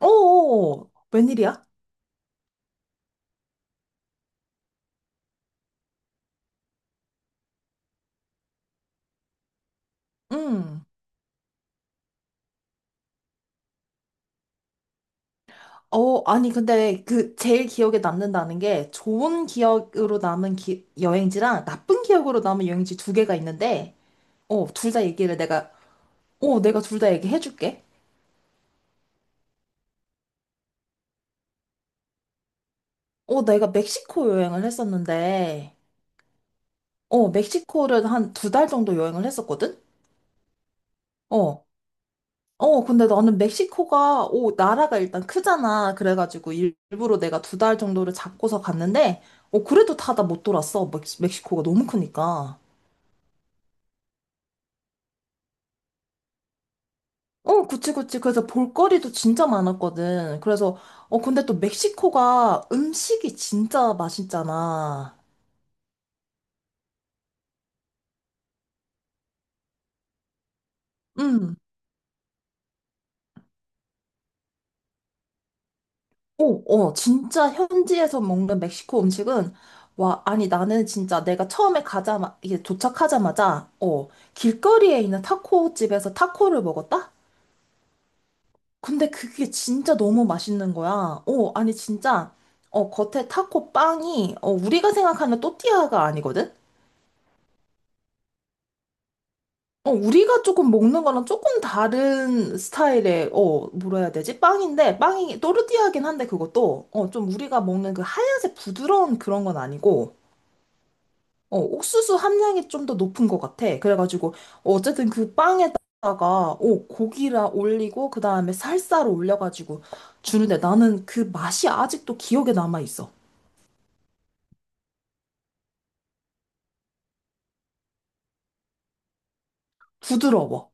오, 웬일이야? 음. 아니, 근데 그 제일 기억에 남는다는 게 좋은 기억으로 남은 여행지랑 나쁜 기억으로 남은 여행지 두 개가 있는데, 둘 다 얘기를 내가, 내가 둘 다 얘기해줄게. 내가 멕시코 여행을 했었는데, 멕시코를 한 2달 정도 여행을 했었거든? 어, 어, 근데 나는 멕시코가, 나라가 일단 크잖아. 그래가지고 일부러 내가 2달 정도를 잡고서 갔는데, 그래도 다 못 돌았어. 멕시코가 너무 크니까. 그치, 그치. 그래서 볼거리도 진짜 많았거든. 그래서, 근데 또 멕시코가 음식이 진짜 맛있잖아. 음. 오, 진짜 현지에서 먹는 멕시코 음식은, 와, 아니, 나는 진짜 내가 처음에 이게 도착하자마자, 길거리에 있는 타코 집에서 타코를 먹었다? 근데 그게 진짜 너무 맛있는 거야. 아니 진짜 겉에 타코 빵이 우리가 생각하는 또띠아가 아니거든? 우리가 조금 먹는 거랑 조금 다른 스타일의 뭐라 해야 되지? 빵인데 빵이 또르띠아긴 한데 그것도 좀 우리가 먹는 그 하얀색 부드러운 그런 건 아니고 옥수수 함량이 좀 더 높은 것 같아. 그래가지고, 어쨌든 그 빵에다가, 고기라 올리고, 그 다음에 살사를 올려가지고 주는데 나는 그 맛이 아직도 기억에 남아있어. 부드러워.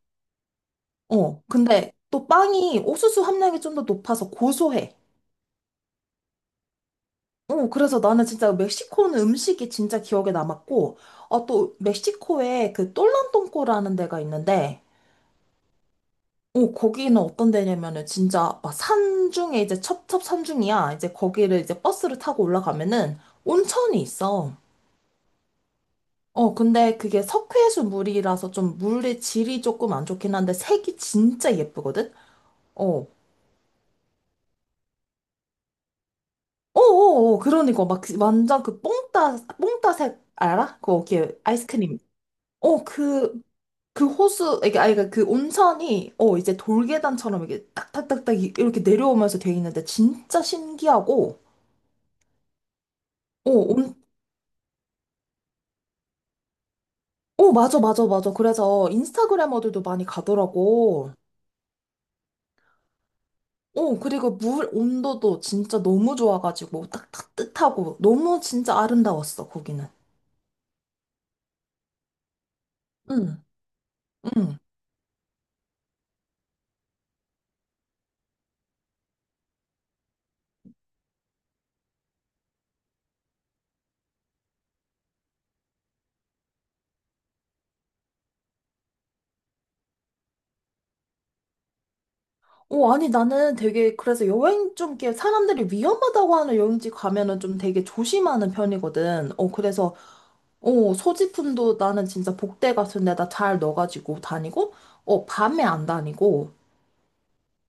근데 또 빵이 옥수수 함량이 좀 더 높아서 고소해. 그래서 나는 진짜 멕시코는 음식이 진짜 기억에 남았고, 또 멕시코에 그 똘란똥꼬라는 데가 있는데, 거기는 어떤 데냐면은 진짜 막 산중에 이제 첩첩 산중이야. 이제 거기를 이제 버스를 타고 올라가면은 온천이 있어. 근데 그게 석회수 물이라서 좀 물의 질이 조금 안 좋긴 한데 색이 진짜 예쁘거든? 어. 그러니까 막그 완전 그 뽕따색 알아? 그거 이렇게 아이스크림. 어, 그, 그 호수, 이게, 아니, 그그 온천이, 이제 돌계단처럼 이게 딱딱딱딱 이렇게 내려오면서 돼 있는데 진짜 신기하고, 어, 어, 맞아, 맞아, 맞아. 그래서 인스타그래머들도 많이 가더라고. 그리고 물 온도도 진짜 너무 좋아가지고 딱 따뜻하고 너무 진짜 아름다웠어, 거기는. 응, 응. 아니, 나는 되게 그래서 여행 좀 이렇게 사람들이 위험하다고 하는 여행지 가면은 좀 되게 조심하는 편이거든. 그래서 소지품도 나는 진짜 복대 같은 데다 잘 넣어가지고 다니고, 밤에 안 다니고,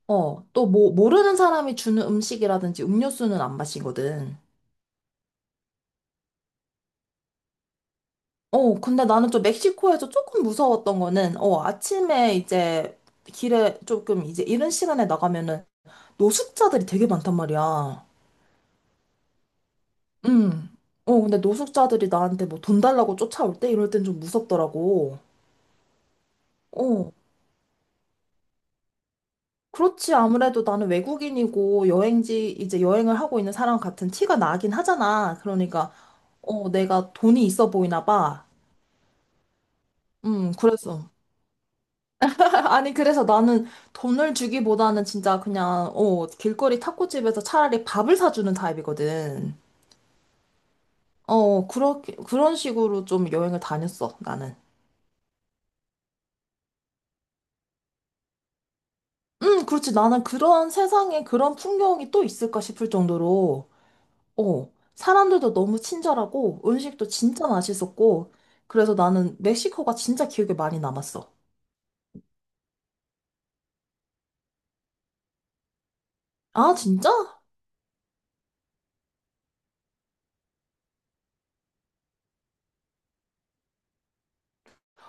또 뭐, 모르는 사람이 주는 음식이라든지 음료수는 안 마시거든. 근데 나는 좀 멕시코에서 조금 무서웠던 거는, 아침에 이제 길에 조금 이제 이른 시간에 나가면은 노숙자들이 되게 많단 말이야. 음. 근데 노숙자들이 나한테 뭐 돈 달라고 쫓아올 때 이럴 땐 좀 무섭더라고. 어. 그렇지. 아무래도 나는 외국인이고 여행지 이제 여행을 하고 있는 사람 같은 티가 나긴 하잖아. 그러니까, 내가 돈이 있어 보이나 봐. 그래서. 아니, 그래서 나는 돈을 주기보다는 진짜 그냥, 길거리 타코집에서 차라리 밥을 사주는 타입이거든. 그렇게, 그런 식으로 좀 여행을 다녔어, 나는. 그렇지. 나는 그런 세상에 그런 풍경이 또 있을까 싶을 정도로, 사람들도 너무 친절하고, 음식도 진짜 맛있었고, 그래서 나는 멕시코가 진짜 기억에 많이 남았어. 아, 진짜?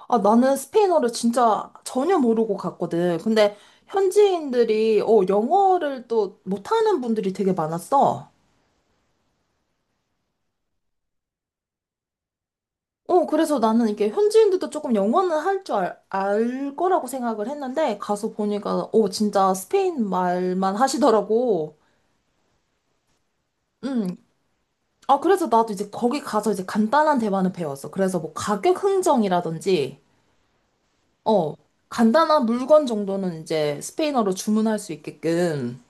아, 나는 스페인어를 진짜 전혀 모르고 갔거든. 근데 현지인들이, 영어를 또 못하는 분들이 되게 많았어. 그래서 나는 이게 현지인들도 조금 영어는 할 줄 알 거라고 생각을 했는데, 가서 보니까, 진짜 스페인 말만 하시더라고. 음. 아, 그래서 나도 이제 거기 가서 이제 간단한 대화는 배웠어. 그래서 뭐 가격 흥정이라든지, 어, 간단한 물건 정도는 이제 스페인어로 주문할 수 있게끔.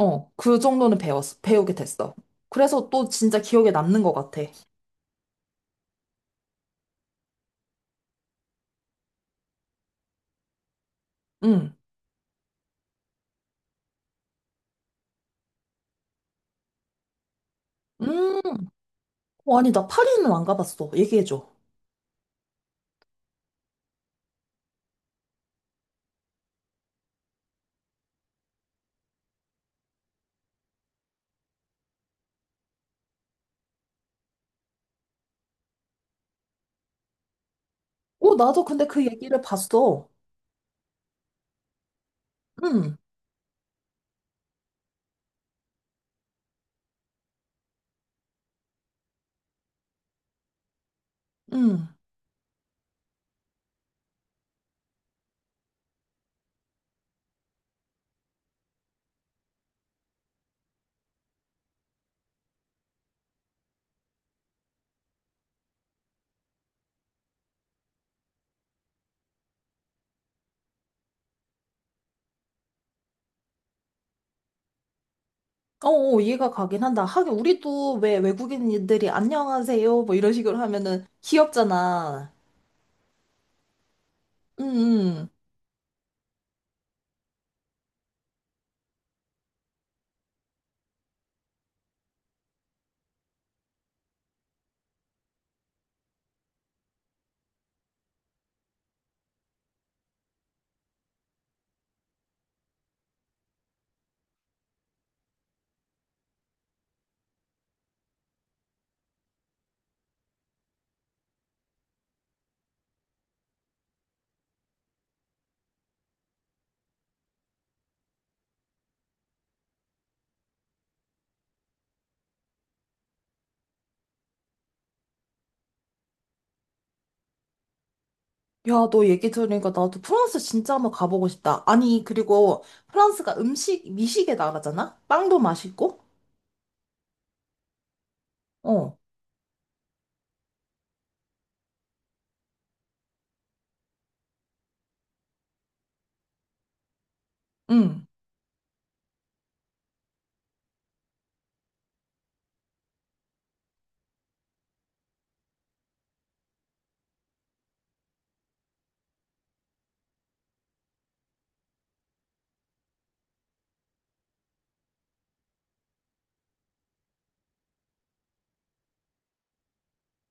그 정도는 배웠어. 배우게 됐어. 그래서 또 진짜 기억에 남는 것 같아. 응. 음, 어, 아니, 나 파리는 안 가봤어. 얘기해줘. 나도 근데 그 얘기를 봤어. 응, 응. 어, 어, 이해가 가긴 한다. 하긴, 우리도 왜 외국인들이 안녕하세요. 뭐 이런 식으로 하면은 귀엽잖아. 응, 응. 야, 너 얘기 들으니까 나도 프랑스 진짜 한번 가보고 싶다. 아니, 그리고 프랑스가 음식, 미식의 나라잖아? 빵도 맛있고? 어, 응.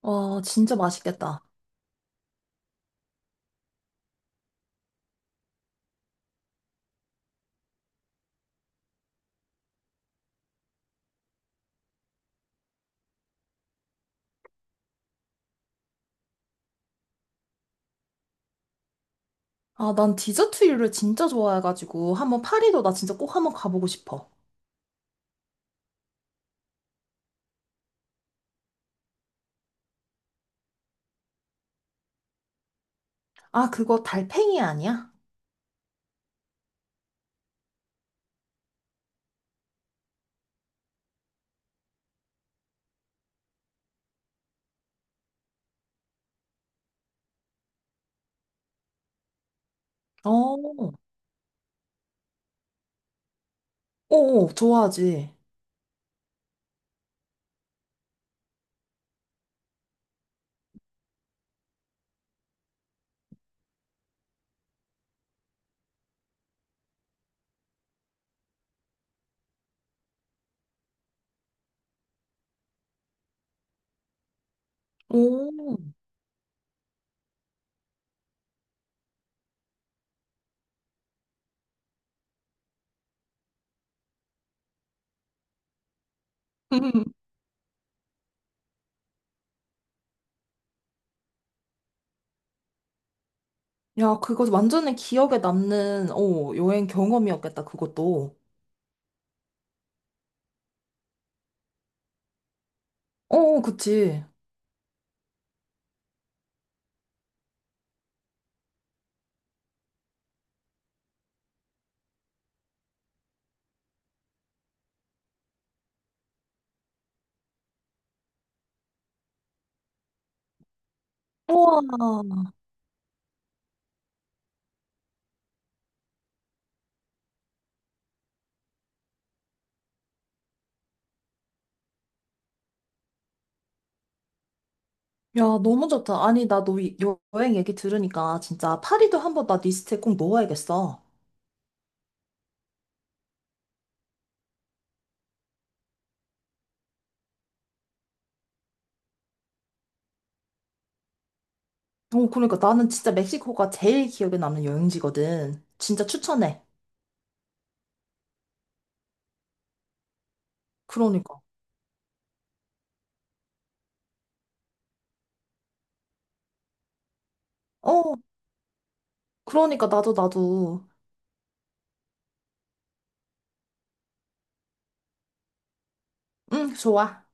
와, 진짜 맛있겠다. 아, 난 디저트류를 진짜 좋아해가지고 한번 파리도 나 진짜 꼭 한번 가보고 싶어. 아, 그거 달팽이 아니야? 어, 좋아하지. 오, 음. 야, 그거 완전히 기억에 남는 여행 경험이었겠다, 그것도. 어, 어, 그치. 우와. 야, 너무 좋다. 아니, 나너 여행 얘기 들으니까 진짜 파리도 한번 나 리스트에 꼭 넣어야겠어. 그러니까 나는 진짜 멕시코가 제일 기억에 남는 여행지거든. 진짜 추천해. 그러니까. 어. 그러니까 나도 응, 좋아.